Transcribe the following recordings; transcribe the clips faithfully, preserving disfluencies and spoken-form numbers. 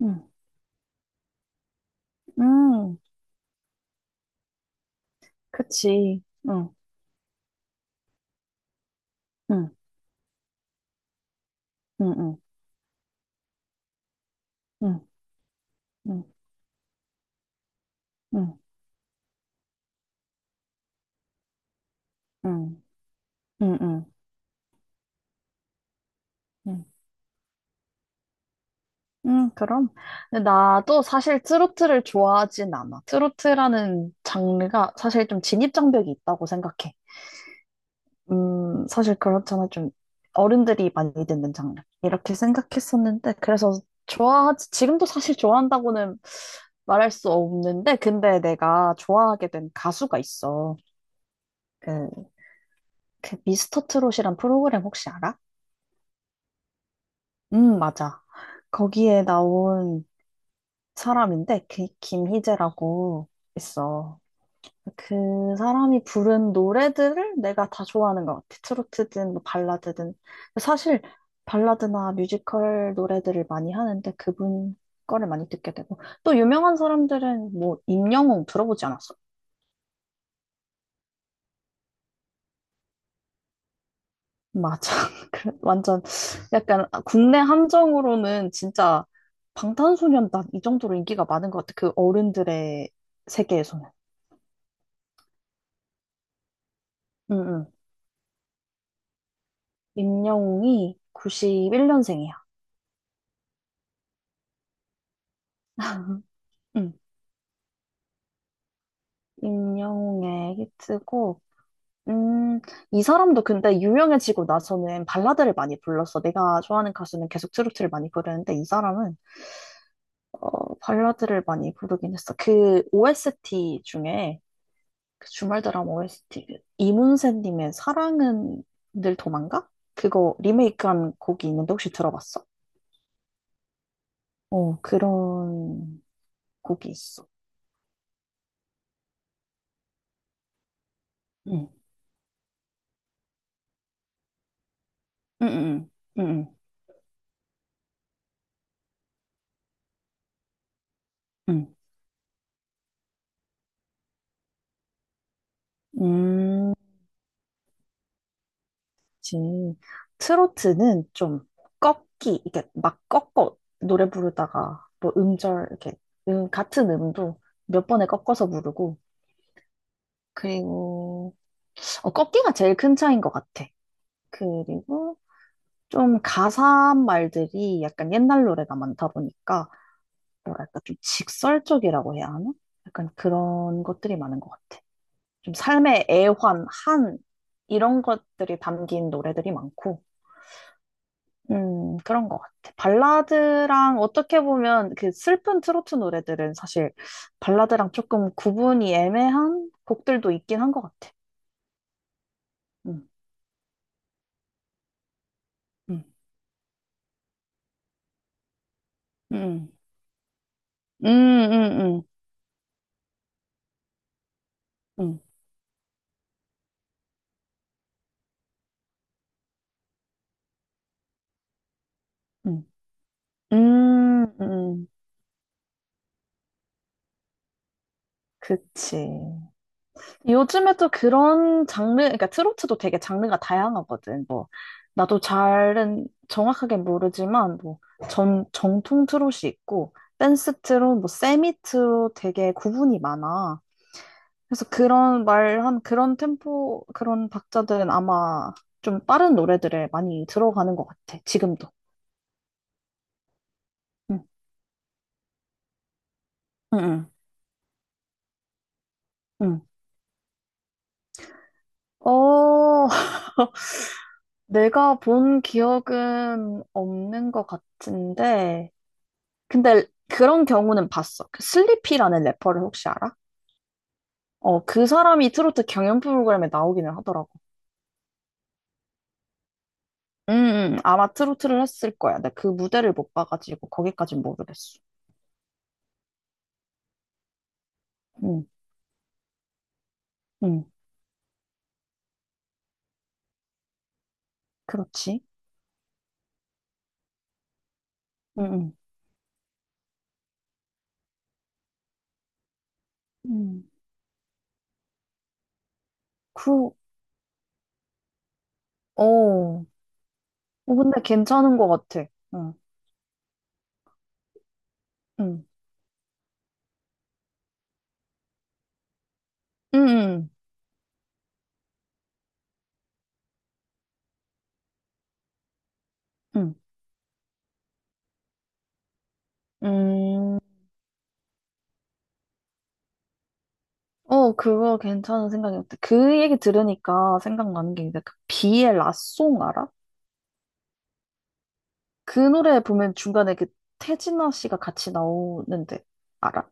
응, 응, 그치. 응, 응, 응, 응, 응, 응, 응, 응, 응, 응, 응, 응, 그럼. 근데 나도 사실 트로트를 좋아하진 않아. 트로트라는 장르가 사실 좀 진입장벽이 있다고 생각해. 음, 사실 그렇잖아. 좀 어른들이 많이 듣는 장르. 이렇게 생각했었는데, 그래서 좋아하지, 지금도 사실 좋아한다고는 말할 수 없는데, 근데 내가 좋아하게 된 가수가 있어. 그 그 미스터 트롯이란 프로그램 혹시 알아? 응, 맞아. 거기에 나온 사람인데 그 김희재라고 있어. 그 사람이 부른 노래들을 내가 다 좋아하는 것 같아. 트로트든 뭐 발라드든. 사실 발라드나 뮤지컬 노래들을 많이 하는데 그분 거를 많이 듣게 되고 또 유명한 사람들은 뭐 임영웅 들어보지 않았어? 맞아. 그래, 완전 약간 국내 함정으로는 진짜 방탄소년단 이 정도로 인기가 많은 것 같아. 그 어른들의 세계에서는. 응, 응. 임영웅이 구십일 년생이야. 응. 응. 임영웅의 히트곡. 음, 이 사람도 근데 유명해지고 나서는 발라드를 많이 불렀어. 내가 좋아하는 가수는 계속 트로트를 많이 부르는데 이 사람은 어, 발라드를 많이 부르긴 했어. 그 오에스티 중에 그 주말 드라마 오에스티 그 이문세님의 사랑은 늘 도망가? 그거 리메이크한 곡이 있는데 혹시 들어봤어? 어 그런 곡이 있어. 응, 응, 응, 응, 응, 응. 응. 음, 그치. 트로트는 좀 꺾기 이게 막 꺾어 노래 부르다가 뭐 음절 이렇게 음, 같은 음도 몇 번에 꺾어서 부르고 그리고 어, 꺾기가 제일 큰 차이인 것 같아. 그리고 좀 가사한 말들이 약간 옛날 노래가 많다 보니까 뭐랄까 좀 직설적이라고 해야 하나? 약간 그런 것들이 많은 것 같아. 좀 삶의 애환, 한 이런 것들이 담긴 노래들이 많고, 음 그런 것 같아. 발라드랑 어떻게 보면 그 슬픈 트로트 노래들은 사실 발라드랑 조금 구분이 애매한 곡들도 있긴 한 것 같아. 음, 음, 음, 음, 음, 음, 음, 음, 음, 음. 그치. 요즘에 또 그런 장르, 그러니까 트로트도 되게 장르가 다양하거든. 뭐, 나도 잘은 정확하게 모르지만, 뭐, 전, 정통 트롯이 있고, 댄스 트롯, 뭐, 세미 트롯 되게 구분이 많아. 그래서 그런 말한 그런 템포, 그런 박자들은 아마 좀 빠른 노래들에 많이 들어가는 것 같아, 지금도. 응, 응, 응. 응. 어, 내가 본 기억은 없는 것 같은데, 근데 그런 경우는 봤어. 그 슬리피라는 래퍼를 혹시 알아? 어, 그 사람이 트로트 경연 프로그램에 나오기는 하더라고. 음, 음, 아마 트로트를 했을 거야. 근데 그 무대를 못 봐가지고 거기까진 모르겠어. 음, 음, 그렇지. 음, 음, 음. 그, 어, 어, 근데 괜찮은 것 같아. 응, 응, 응, 응, 응. 음. 어, 그거 괜찮은 생각이었다. 그 얘기 들으니까 생각나는 게있데그 비의 라송 알아? 그 노래 보면 중간에 그 태진아 씨가 같이 나오는데 알아?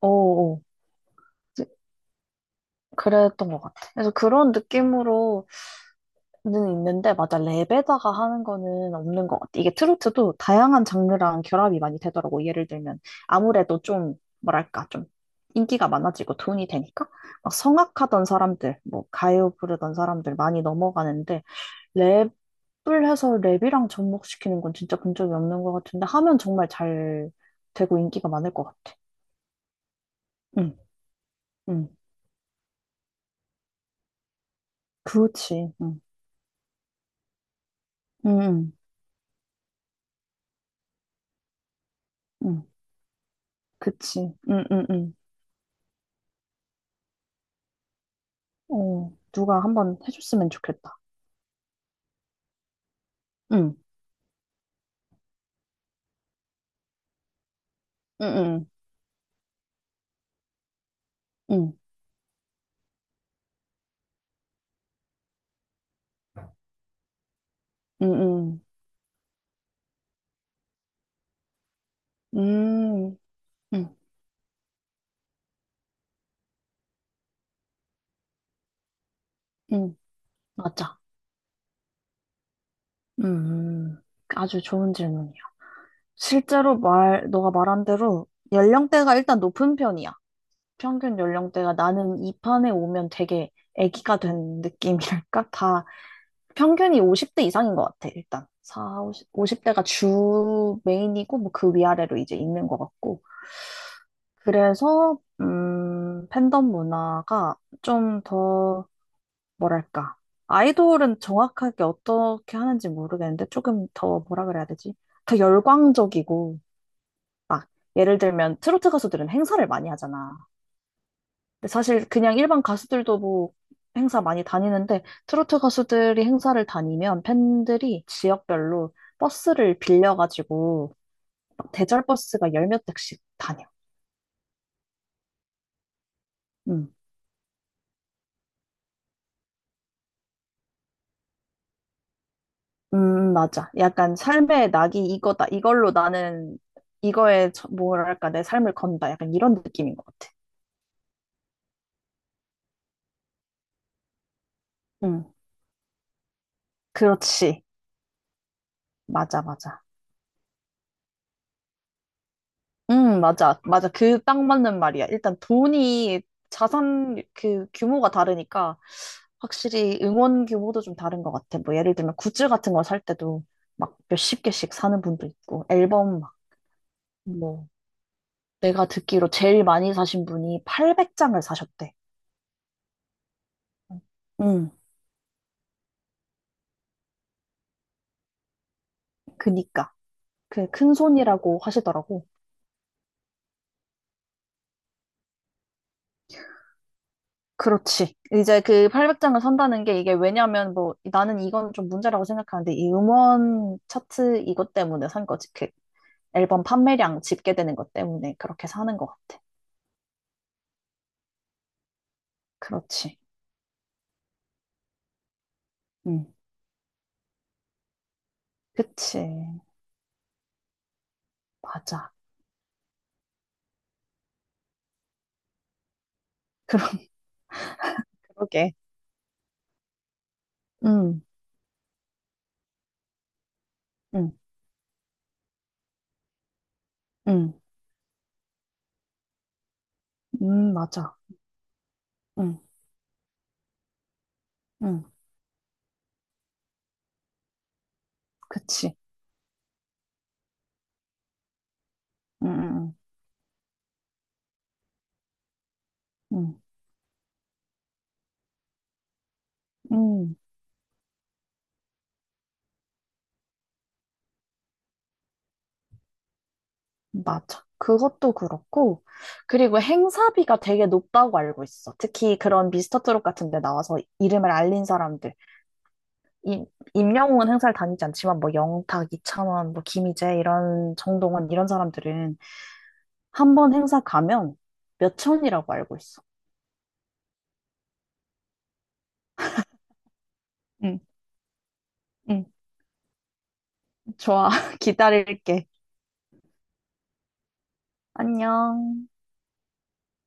어어. 그랬던 것 같아. 그래서 그런 느낌으로는 있는데, 맞아. 랩에다가 하는 거는 없는 것 같아. 이게 트로트도 다양한 장르랑 결합이 많이 되더라고. 예를 들면, 아무래도 좀, 뭐랄까, 좀 인기가 많아지고 돈이 되니까, 막 성악하던 사람들, 뭐, 가요 부르던 사람들 많이 넘어가는데, 랩 풀 해서 랩이랑 접목시키는 건 진짜 본 적이 없는 것 같은데 하면 정말 잘 되고 인기가 많을 것 같아. 응, 응, 그렇지. 응, 응, 응, 응. 그치. 응, 응, 응. 어, 누가 한번 해줬으면 좋겠다. 응, 응, 응, 응, 응, 응, 응, 응, 응. 맞아. 음, 아주 좋은 질문이야. 실제로 말, 너가 말한 대로 연령대가 일단 높은 편이야. 평균 연령대가 나는 이 판에 오면 되게 애기가 된 느낌이랄까? 다 평균이 오십 대 이상인 것 같아, 일단. 사, 오십 50대가 주 메인이고, 뭐 그 위아래로 이제 있는 것 같고. 그래서, 음, 팬덤 문화가 좀 더, 뭐랄까. 아이돌은 정확하게 어떻게 하는지 모르겠는데, 조금 더 뭐라 그래야 되지? 더 열광적이고, 막, 예를 들면 트로트 가수들은 행사를 많이 하잖아. 근데 사실 그냥 일반 가수들도 뭐 행사 많이 다니는데 트로트 가수들이 행사를 다니면 팬들이 지역별로 버스를 빌려가지고 막 대절 버스가 열 몇 대씩 다녀. 음, 음, 맞아. 약간 삶의 낙이 이거다. 이걸로 나는 이거에 저- 뭐랄까 내 삶을 건다. 약간 이런 느낌인 것 같아. 음, 그렇지. 맞아, 맞아. 음, 맞아. 맞아. 그 딱 맞는 말이야. 일단 돈이 자산 그 규모가 다르니까 확실히 응원 규모도 좀 다른 것 같아. 뭐 예를 들면 굿즈 같은 거 살 때도 막 몇십 개씩 사는 분도 있고 앨범 막 뭐 내가 듣기로 제일 많이 사신 분이 팔백 장을 사셨대. 음, 그니까. 그 큰 손이라고 하시더라고. 그렇지. 이제 그 팔백 장을 산다는 게 이게 왜냐면 뭐 나는 이건 좀 문제라고 생각하는데 이 음원 차트 이것 때문에 산 거지. 그 앨범 판매량 집계되는 것 때문에 그렇게 사는 것 같아. 그렇지. 응. 그치. 맞아. 그러- 그러게. 응, 응, 응, 응, 맞아. 응, 응, 그치. 응, 응, 응, 응, 응, 맞아. 그것도 그렇고, 그리고 행사비가 되게 높다고 알고 있어. 특히 그런 미스터 트롯 같은 데 나와서 이름을 알린 사람들. 임, 임영웅은 행사를 다니지 않지만, 뭐, 영탁, 이찬원, 뭐, 김희재, 이런, 정동원, 이런 사람들은 한 번 행사 가면 몇 천이라고 알고 있어. 응, 응. 좋아. 기다릴게. 안녕.